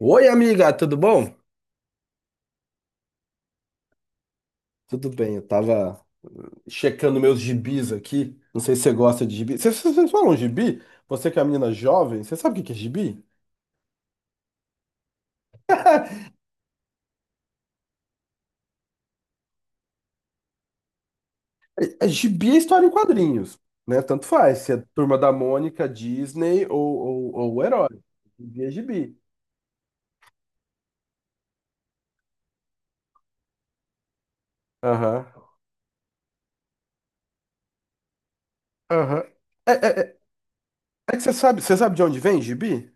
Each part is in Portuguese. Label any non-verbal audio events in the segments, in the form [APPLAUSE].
Oi, amiga, tudo bom? Tudo bem, eu tava checando meus gibis aqui. Não sei se você gosta de gibi. Vocês falam gibi? Você que é uma menina jovem, você sabe o que que é gibi? É, gibi é história em quadrinhos, né? Tanto faz, se é Turma da Mônica, Disney ou o Herói. Gibi é gibi. Aham. Aham. É, é, é- é que você sabe de onde vem gibi?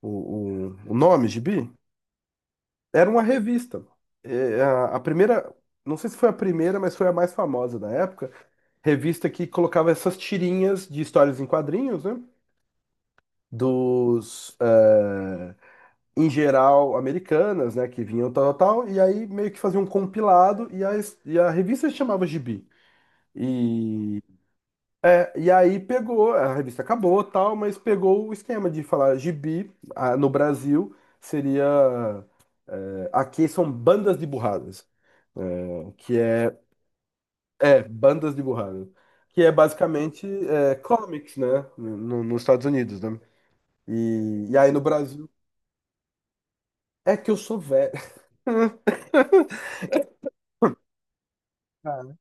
O, o nome gibi? Era uma revista. É, a primeira, não sei se foi a primeira, mas foi a mais famosa da época, revista que colocava essas tirinhas de histórias em quadrinhos, né? Dos, eh, em geral, americanas, né? Que vinham tal, tal, tal, e aí meio que fazia um compilado, e a revista se chamava Gibi. E, é, e aí pegou, a revista acabou, tal, mas pegou o esquema de falar Gibi, ah, no Brasil, seria... aqui são bandas de burradas, que é... É, bandas dibujadas. Que é basicamente é, comics, né? Nos Estados Unidos, né? E aí no Brasil. É que eu sou velho. [LAUGHS] Cara.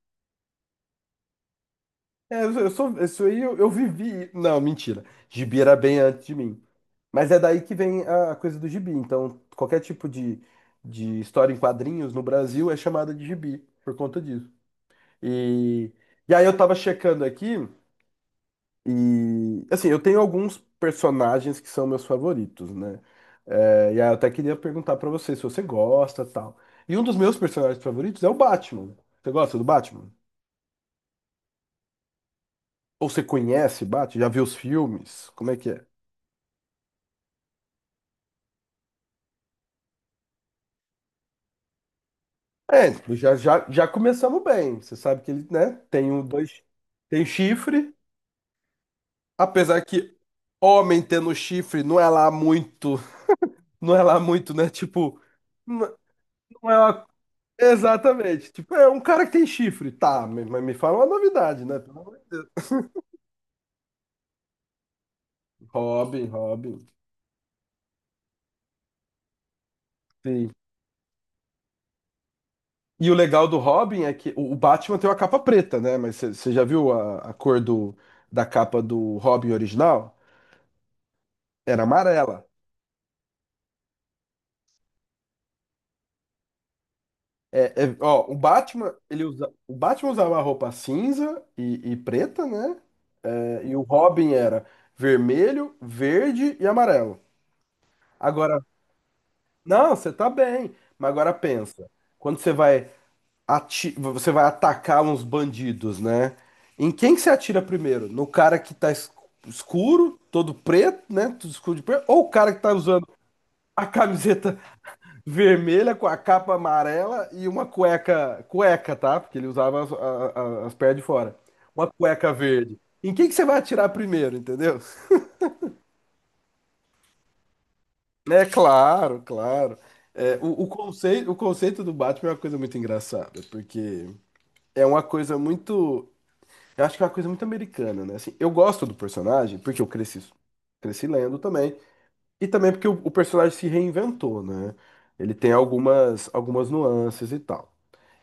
É, eu sou, isso aí eu vivi. Não, mentira. Gibi era bem antes de mim. Mas é daí que vem a coisa do gibi. Então, qualquer tipo de história em quadrinhos no Brasil é chamada de gibi, por conta disso. E, e aí eu tava checando aqui. E assim, eu tenho alguns personagens que são meus favoritos, né? É, e aí eu até queria perguntar pra você se você gosta, tal. E um dos meus personagens favoritos é o Batman. Você gosta do Batman? Ou você conhece Batman? Já viu os filmes? Como é que é? É, tipo, já começamos bem. Você sabe que ele, né, tem um, dois, tem chifre, apesar que homem tendo chifre não é lá muito, não é lá muito, né? Tipo, não não é uma... Exatamente. Tipo, é um cara que tem chifre. Tá, mas me fala uma novidade, né? Pelo amor de... Robin, Robin. Sim. E o legal do Robin é que o Batman tem uma capa preta, né? Mas você já viu a cor do, da capa do Robin original? Era amarela. Ó, o Batman, ele usa, o Batman usava a roupa cinza e preta, né? É, e o Robin era vermelho, verde e amarelo. Agora, não, você tá bem. Mas agora pensa. Quando você vai você vai atacar uns bandidos, né? Em quem que você atira primeiro? No cara que tá escuro, todo preto, né? Tudo escuro de preto, ou o cara que tá usando a camiseta [LAUGHS] vermelha com a capa amarela e uma cueca, cueca, tá? Porque ele usava as, as pernas de fora. Uma cueca verde. Em quem que você vai atirar primeiro, entendeu? É claro, claro. É, o conceito, o conceito do Batman é uma coisa muito engraçada, porque é uma coisa muito... Eu acho que é uma coisa muito americana, né? Assim, eu gosto do personagem porque eu cresci, cresci lendo também. E também porque o personagem se reinventou, né? Ele tem algumas nuances e tal.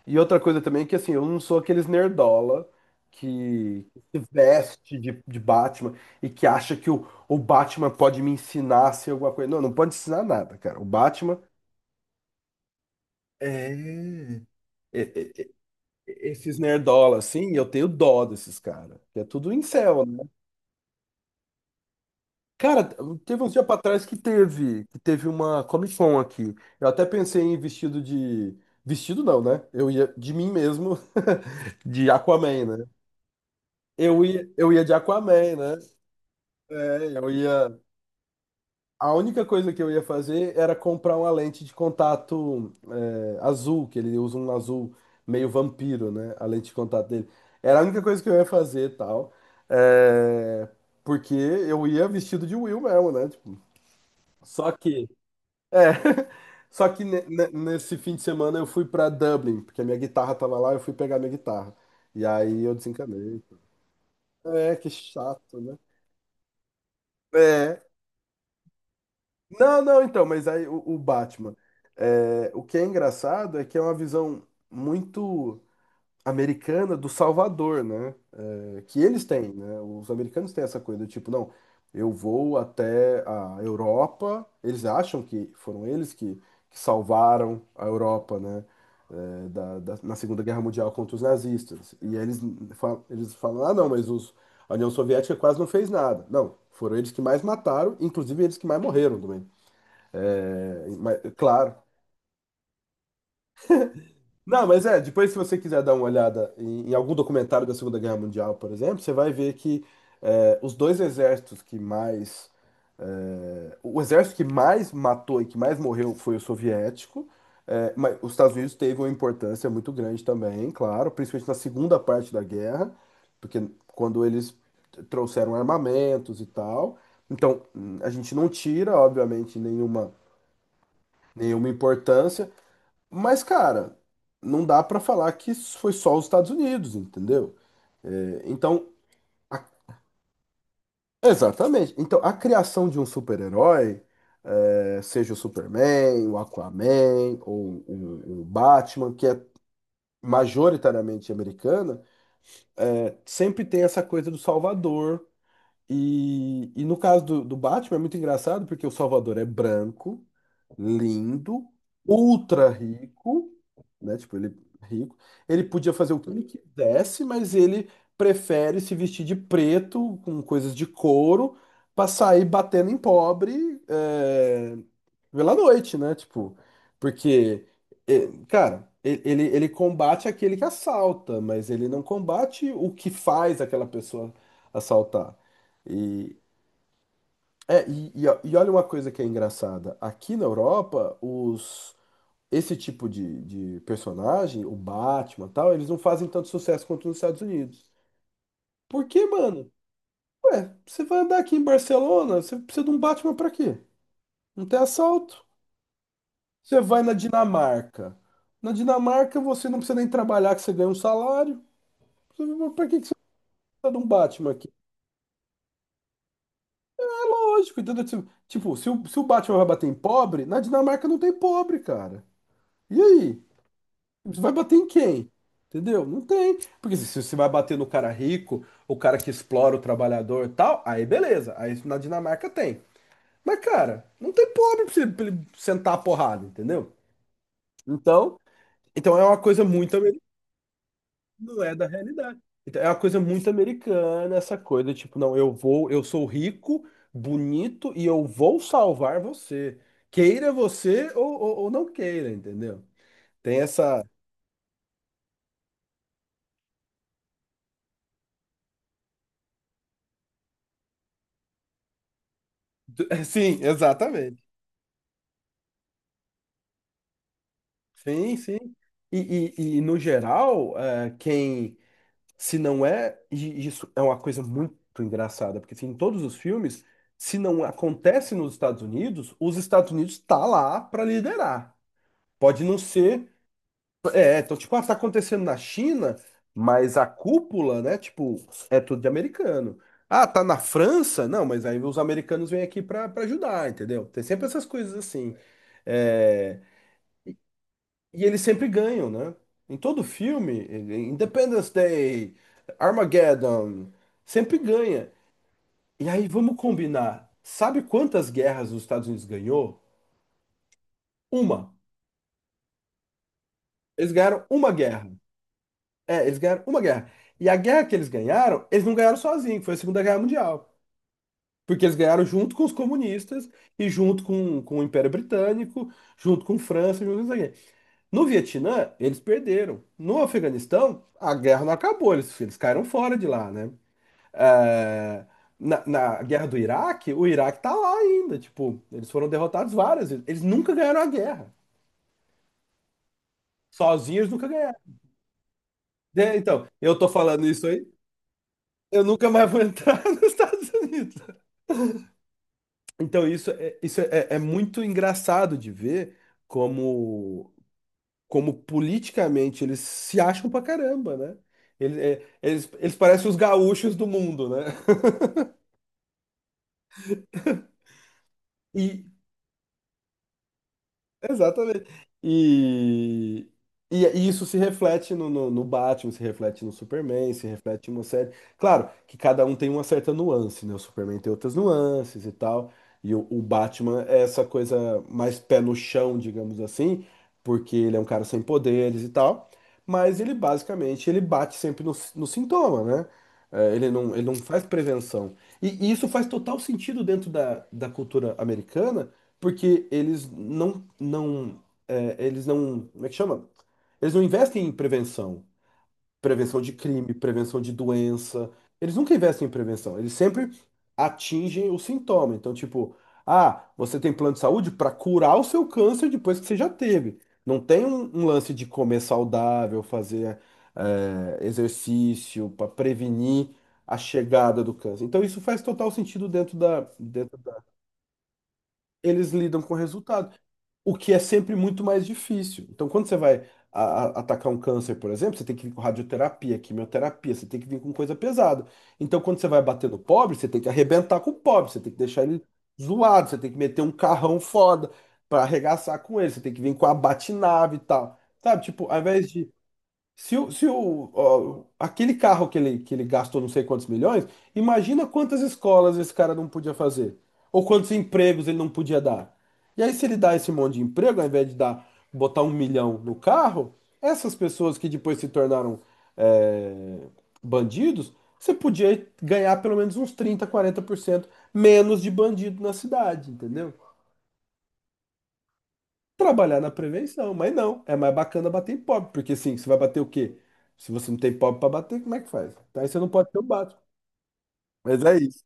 E outra coisa também é que, assim, eu não sou aqueles nerdola que se veste de Batman e que acha que o Batman pode me ensinar a ser alguma coisa. Não, não pode ensinar nada, cara. O Batman é, é- é- é- esses nerdola, assim, eu tenho dó desses caras, que é tudo incel, né? Cara, teve uns dias pra trás que teve uma Comic Con aqui. Eu até pensei em vestido de. Vestido não, né? Eu ia de mim mesmo, [LAUGHS] de Aquaman, né? Eu ia de Aquaman, né? É, eu ia. A única coisa que eu ia fazer era comprar uma lente de contato azul, que ele usa um azul meio vampiro, né? A lente de contato dele. Era a única coisa que eu ia fazer e tal. É, porque eu ia vestido de Will mesmo, né? Tipo, só que... É. [LAUGHS] Só que nesse fim de semana eu fui pra Dublin, porque a minha guitarra tava lá, eu fui pegar minha guitarra. E aí eu desencanei. É, que chato, né? É. Não, não, então, mas aí o Batman. É, o que é engraçado é que é uma visão muito americana do Salvador, né? Que eles têm, né? Os americanos têm essa coisa do tipo, não, eu vou até a Europa, eles acham que foram eles que salvaram a Europa, né? Na Segunda Guerra Mundial contra os nazistas. E aí eles, eles falam, ah, não, mas os, a União Soviética quase não fez nada. Não, foram eles que mais mataram, inclusive eles que mais morreram também. É, mas, é claro... Não, mas é, depois se você quiser dar uma olhada em, em algum documentário da Segunda Guerra Mundial, por exemplo, você vai ver que é, os dois exércitos que mais... é, o exército que mais matou e que mais morreu foi o soviético, mas os Estados Unidos teve uma importância muito grande também, claro, principalmente na segunda parte da guerra, porque quando eles trouxeram armamentos e tal. Então, a gente não tira, obviamente, nenhuma, nenhuma importância, mas, cara, não dá pra falar que isso foi só os Estados Unidos, entendeu? É, então, a- exatamente. Então, a criação de um super-herói, é, seja o Superman, o Aquaman ou o Batman, que é majoritariamente americana, é, sempre tem essa coisa do salvador. E no caso do Batman é muito engraçado porque o Salvador é branco, lindo, ultra rico, né? Tipo, ele é rico. Ele podia fazer o que ele quisesse, mas ele prefere se vestir de preto, com coisas de couro, pra sair batendo em pobre, é, pela noite, né? Tipo, porque, é, cara, ele, ele combate aquele que assalta, mas ele não combate o que faz aquela pessoa assaltar. E, é, e olha uma coisa que é engraçada. Aqui na Europa, os, esse tipo de personagem, o Batman e tal, eles não fazem tanto sucesso quanto nos Estados Unidos. Por quê, mano? Ué, você vai andar aqui em Barcelona, você precisa de um Batman pra quê? Não tem assalto. Você vai na Dinamarca. Na Dinamarca, você não precisa nem trabalhar, que você ganha um salário. Você... Pra que que você precisa de um Batman aqui? É lógico, entendeu? Tipo, se o, se o Batman vai bater em pobre, na Dinamarca não tem pobre, cara. E aí? Você vai bater em quem? Entendeu? Não tem. Porque se você vai bater no cara rico, o cara que explora o trabalhador e tal, aí beleza. Aí na Dinamarca tem. Mas, cara, não tem pobre pra você, pra ele sentar a porrada, entendeu? Então, então é uma coisa muito americana, não é da realidade. Então, é uma coisa muito americana essa coisa, tipo, não, eu vou, eu sou rico, bonito e eu vou salvar você. Queira você ou, ou não queira, entendeu? Tem essa. [LAUGHS] Sim, exatamente. Sim, sim. E, no geral, quem, se não é, e isso é uma coisa muito engraçada, porque assim, em todos os filmes, se não acontece nos Estados Unidos, os Estados Unidos tá lá para liderar. Pode não ser, é, então tipo, ah, tá acontecendo na China, mas a cúpula, né, tipo, é tudo de americano. Ah, tá na França? Não, mas aí os americanos vêm aqui para ajudar, entendeu? Tem sempre essas coisas assim. É, e eles sempre ganham, né? Em todo filme, ele... Independence Day, Armageddon, sempre ganha. E aí vamos combinar. Sabe quantas guerras os Estados Unidos ganhou? Uma. Eles ganharam uma guerra. É, eles ganharam uma guerra. E a guerra que eles ganharam, eles não ganharam sozinhos, foi a Segunda Guerra Mundial. Porque eles ganharam junto com os comunistas e junto com o Império Britânico, junto com França, junto com isso aqui. No Vietnã, eles perderam. No Afeganistão, a guerra não acabou, eles caíram fora de lá, né? É, na guerra do Iraque, o Iraque tá lá ainda, tipo, eles foram derrotados várias vezes. Eles nunca ganharam a guerra. Sozinhos nunca ganharam. É, então, eu tô falando isso aí, eu nunca mais vou entrar [LAUGHS] nos Estados Unidos. Então, isso é, é muito engraçado de ver como... como politicamente eles se acham pra caramba, né? Ele- é, Eles, eles parecem os gaúchos do mundo, né? E, exatamente. E, isso se reflete no, no Batman, se reflete no Superman, se reflete em uma série. Claro que cada um tem uma certa nuance, né? O Superman tem outras nuances e tal. E o Batman é essa coisa mais pé no chão, digamos assim, porque ele é um cara sem poderes e tal. Mas ele basicamente ele bate sempre no, no sintoma, né? É, ele não faz prevenção. E isso faz total sentido dentro da, da cultura americana porque eles não, não, é, eles não, como é que chama? Eles não investem em prevenção, prevenção de crime, prevenção de doença. Eles nunca investem em prevenção. Eles sempre atingem o sintoma. Então, tipo, ah, você tem plano de saúde para curar o seu câncer depois que você já teve. Não tem um lance de comer saudável, fazer exercício para prevenir a chegada do câncer. Então, isso faz total sentido dentro da... Eles lidam com o resultado, o que é sempre muito mais difícil. Então, quando você vai a- atacar um câncer, por exemplo, você tem que vir com radioterapia, quimioterapia, você tem que vir com coisa pesada. Então, quando você vai bater no pobre, você tem que arrebentar com o pobre, você tem que deixar ele zoado, você tem que meter um carrão foda pra arregaçar com ele, você tem que vir com a batinave e tal. Sabe, tipo, ao invés de se, o, se o, ó, aquele carro que ele gastou não sei quantos milhões, imagina quantas escolas esse cara não podia fazer. Ou quantos empregos ele não podia dar. E aí, se ele dá esse monte de emprego, ao invés de dar, botar 1 milhão no carro, essas pessoas que depois se tornaram é, bandidos, você podia ganhar pelo menos uns 30, 40% menos de bandido na cidade, entendeu? Trabalhar na prevenção, mas não, é mais bacana bater em pobre, porque assim, você vai bater o quê? Se você não tem pobre pra bater, como é que faz? Então, aí você não pode ter o básico. Mas é isso.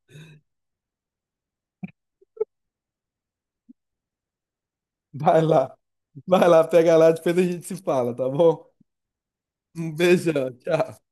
Vai lá. Vai lá, pega lá, depois a gente se fala, tá bom? Um beijão, tchau.